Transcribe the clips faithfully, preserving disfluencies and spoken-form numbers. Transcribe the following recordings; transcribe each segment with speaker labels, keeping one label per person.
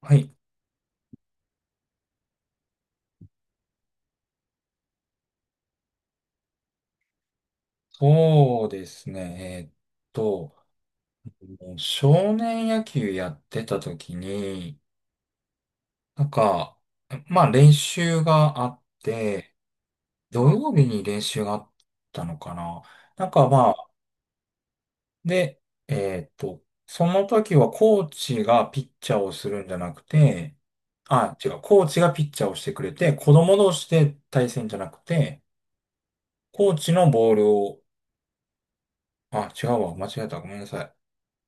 Speaker 1: はい。そうですね。えーっと、もう少年野球やってた時に、なんか、まあ練習があって、土曜日に練習があったのかな。なんかまあ、で、えーっと、その時はコーチがピッチャーをするんじゃなくて、あ、違う、コーチがピッチャーをしてくれて、子供同士で対戦じゃなくて、コーチのボールを、あ、違うわ、間違えた、ごめんなさい。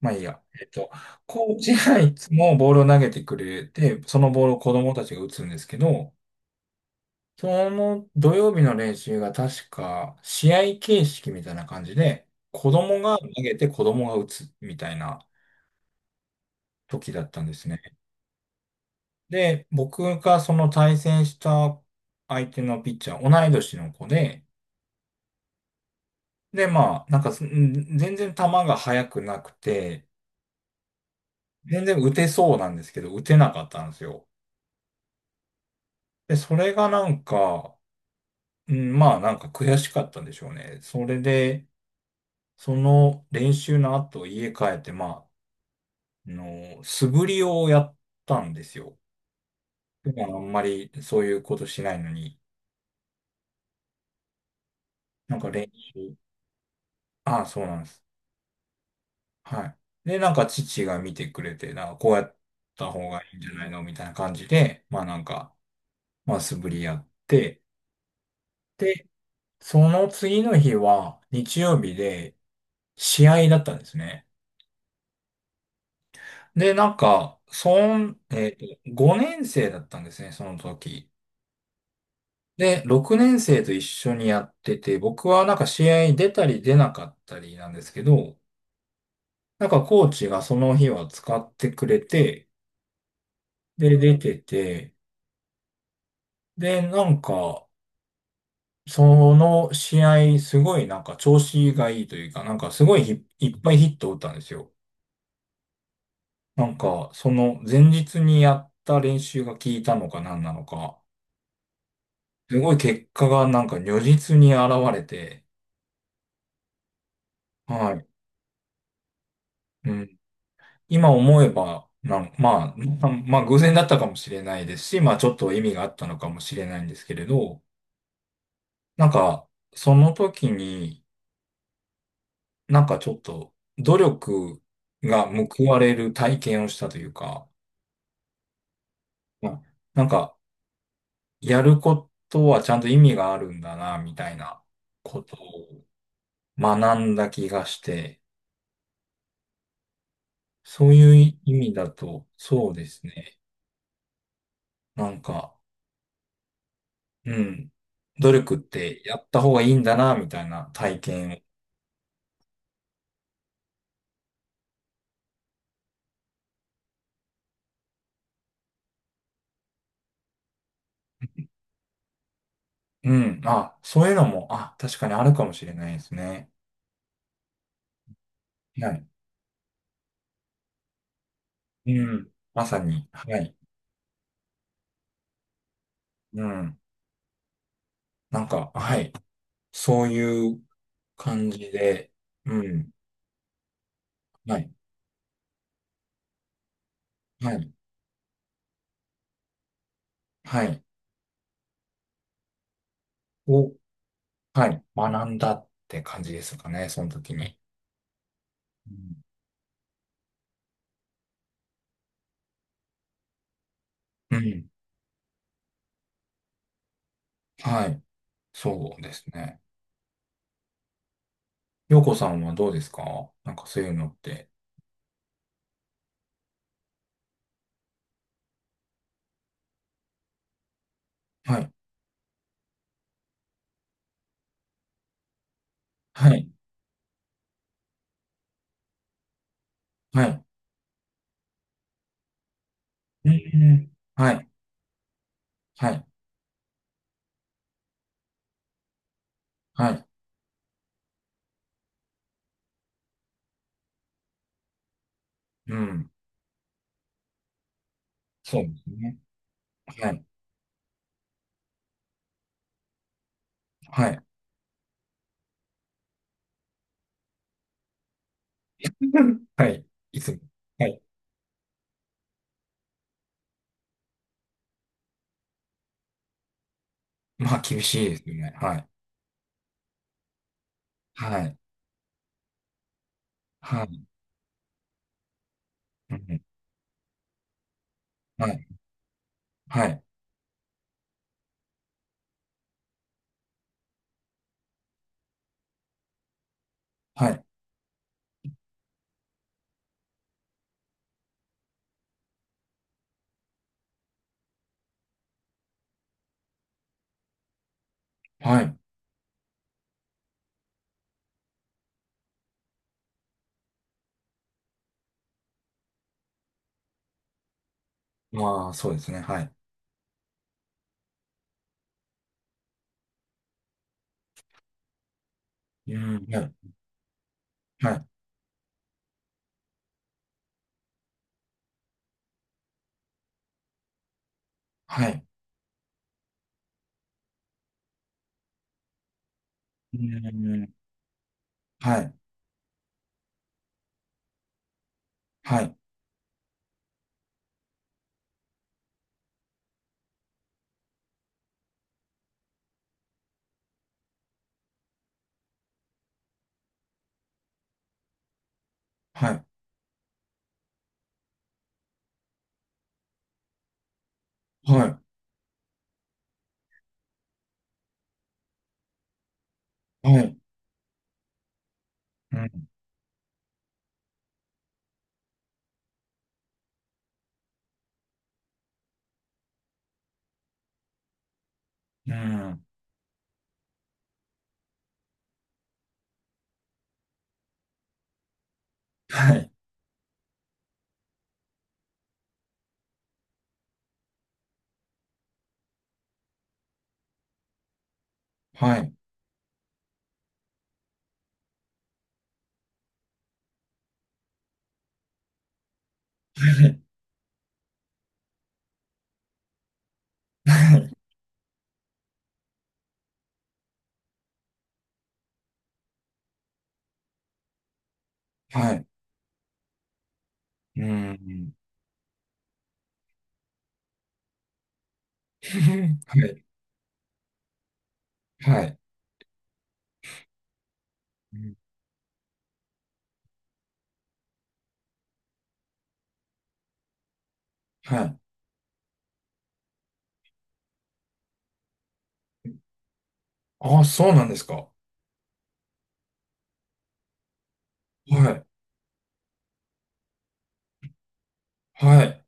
Speaker 1: まあいいや。えっと、コーチがいつもボールを投げてくれて、そのボールを子供たちが打つんですけど、その土曜日の練習が確か試合形式みたいな感じで、子供が投げて子供が打つみたいな時だったんですね。で、僕がその対戦した相手のピッチャー、同い年の子で、で、まあ、なんかすん全然球が速くなくて、全然打てそうなんですけど、打てなかったんですよ。で、それがなんか、うん、まあなんか悔しかったんでしょうね。それで、その練習の後家帰って、まあ、あの、素振りをやったんですよ。普段あんまりそういうことしないのに、なんか練習。ああ、そうなんです。はい。で、なんか父が見てくれて、なんかこうやった方がいいんじゃないのみたいな感じで、まあなんか、まあ素振りやって、で、その次の日は日曜日で試合だったんですね。で、なんか、そん、えっと、ごねん生だったんですね、その時。で、ろくねん生と一緒にやってて、僕はなんか試合に出たり出なかったりなんですけど、なんかコーチがその日は使ってくれて、で、出てて、で、なんか、その試合、すごいなんか調子がいいというか、なんかすごいひいっぱいヒットを打ったんですよ。なんか、その前日にやった練習が効いたのか何なのか。すごい結果がなんか如実に現れて、はい。うん。今思えば、なんまあ、まあ、まあ偶然だったかもしれないですし、まあちょっと意味があったのかもしれないんですけれど、なんか、その時に、なんかちょっと努力が報われる体験をしたというか、まあなんか、やることはちゃんと意味があるんだな、みたいなことを学んだ気がして、そういう意味だと、そうですね。なんか、うん、努力ってやった方がいいんだな、みたいな体験。うん、あ、そういうのも、あ、確かにあるかもしれないですね。はい。うん、まさに、はい。うん、なんか、はい。そういう感じで、うん、はい、はい、はい。を、はい、学んだって感じですかね、その時に。うん、うんはい、そうですね。洋子さんはどうですかなんかそういうのって。はい、はい、はい。ええはい、はい、はい。うん。そうですね。はい、はい。はい。いつも。はい。まあ、厳しいですよね。はい、はい、はい。うん、はい、はい、はい、はい。まあ、そうですね。はい。うん、はい、はい、はい。うん、はい、はい、はい、はい、はい。うん、うん、はい、はい、はい、はい。うん、はい、はい。うんはいはいはいうんはいはいはいはいはいうんうんはいはいはいはいうんはいはいはい、ああ、そうなんですか。はい。はい。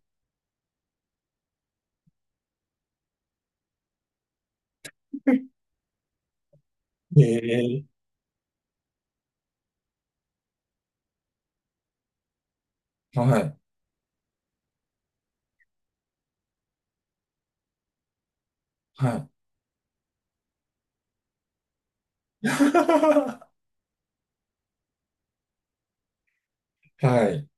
Speaker 1: ええはい。はい。はい。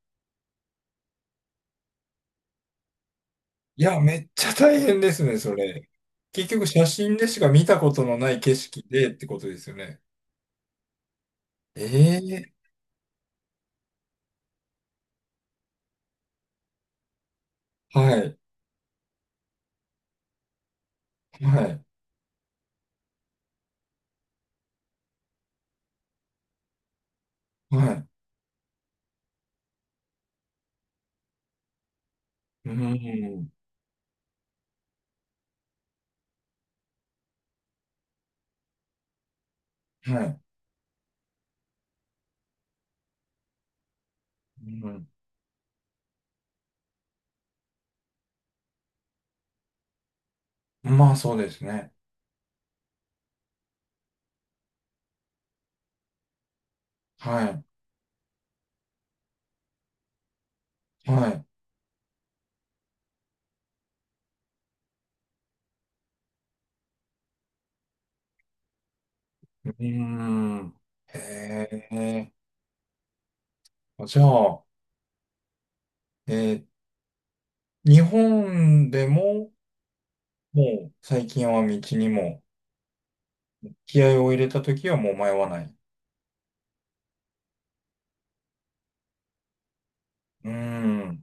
Speaker 1: いや、めっちゃ大変ですね、それ。結局、写真でしか見たことのない景色でってことですよね。ええはい。はい。はい。うん。はい。うん。まあ、そうですね。はい。はい。うん。へえ。じゃあ、えー日本でも、もう最近は道にも、気合を入れた時はもう迷わない。うーん。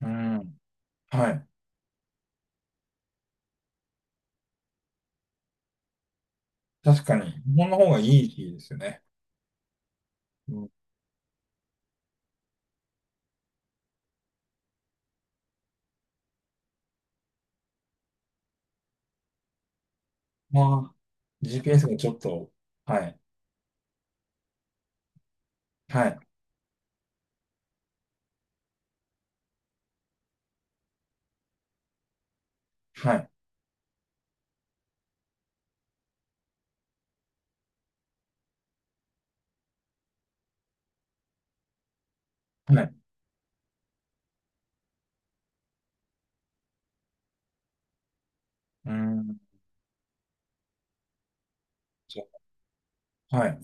Speaker 1: うん。はい。確かに、日本の方がいいですよね。うん。まあ、ジーピーエス がちょっと、はい。はい。はい。はい。うーん。そう。はい。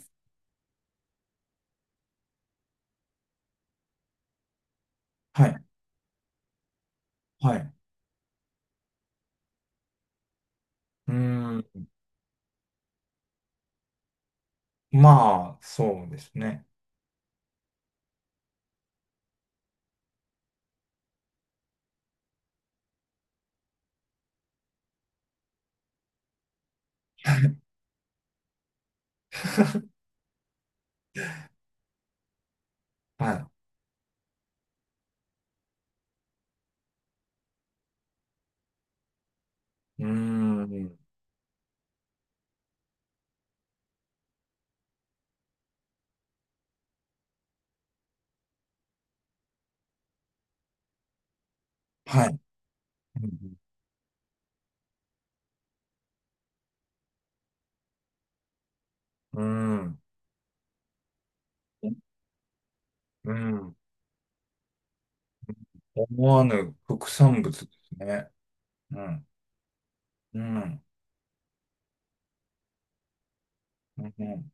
Speaker 1: はい。はい。うーん。まあ、そうですね。はい。うーん。はい。うん。うーん。うん。思わぬ副産物ですね。うん。うん。うん。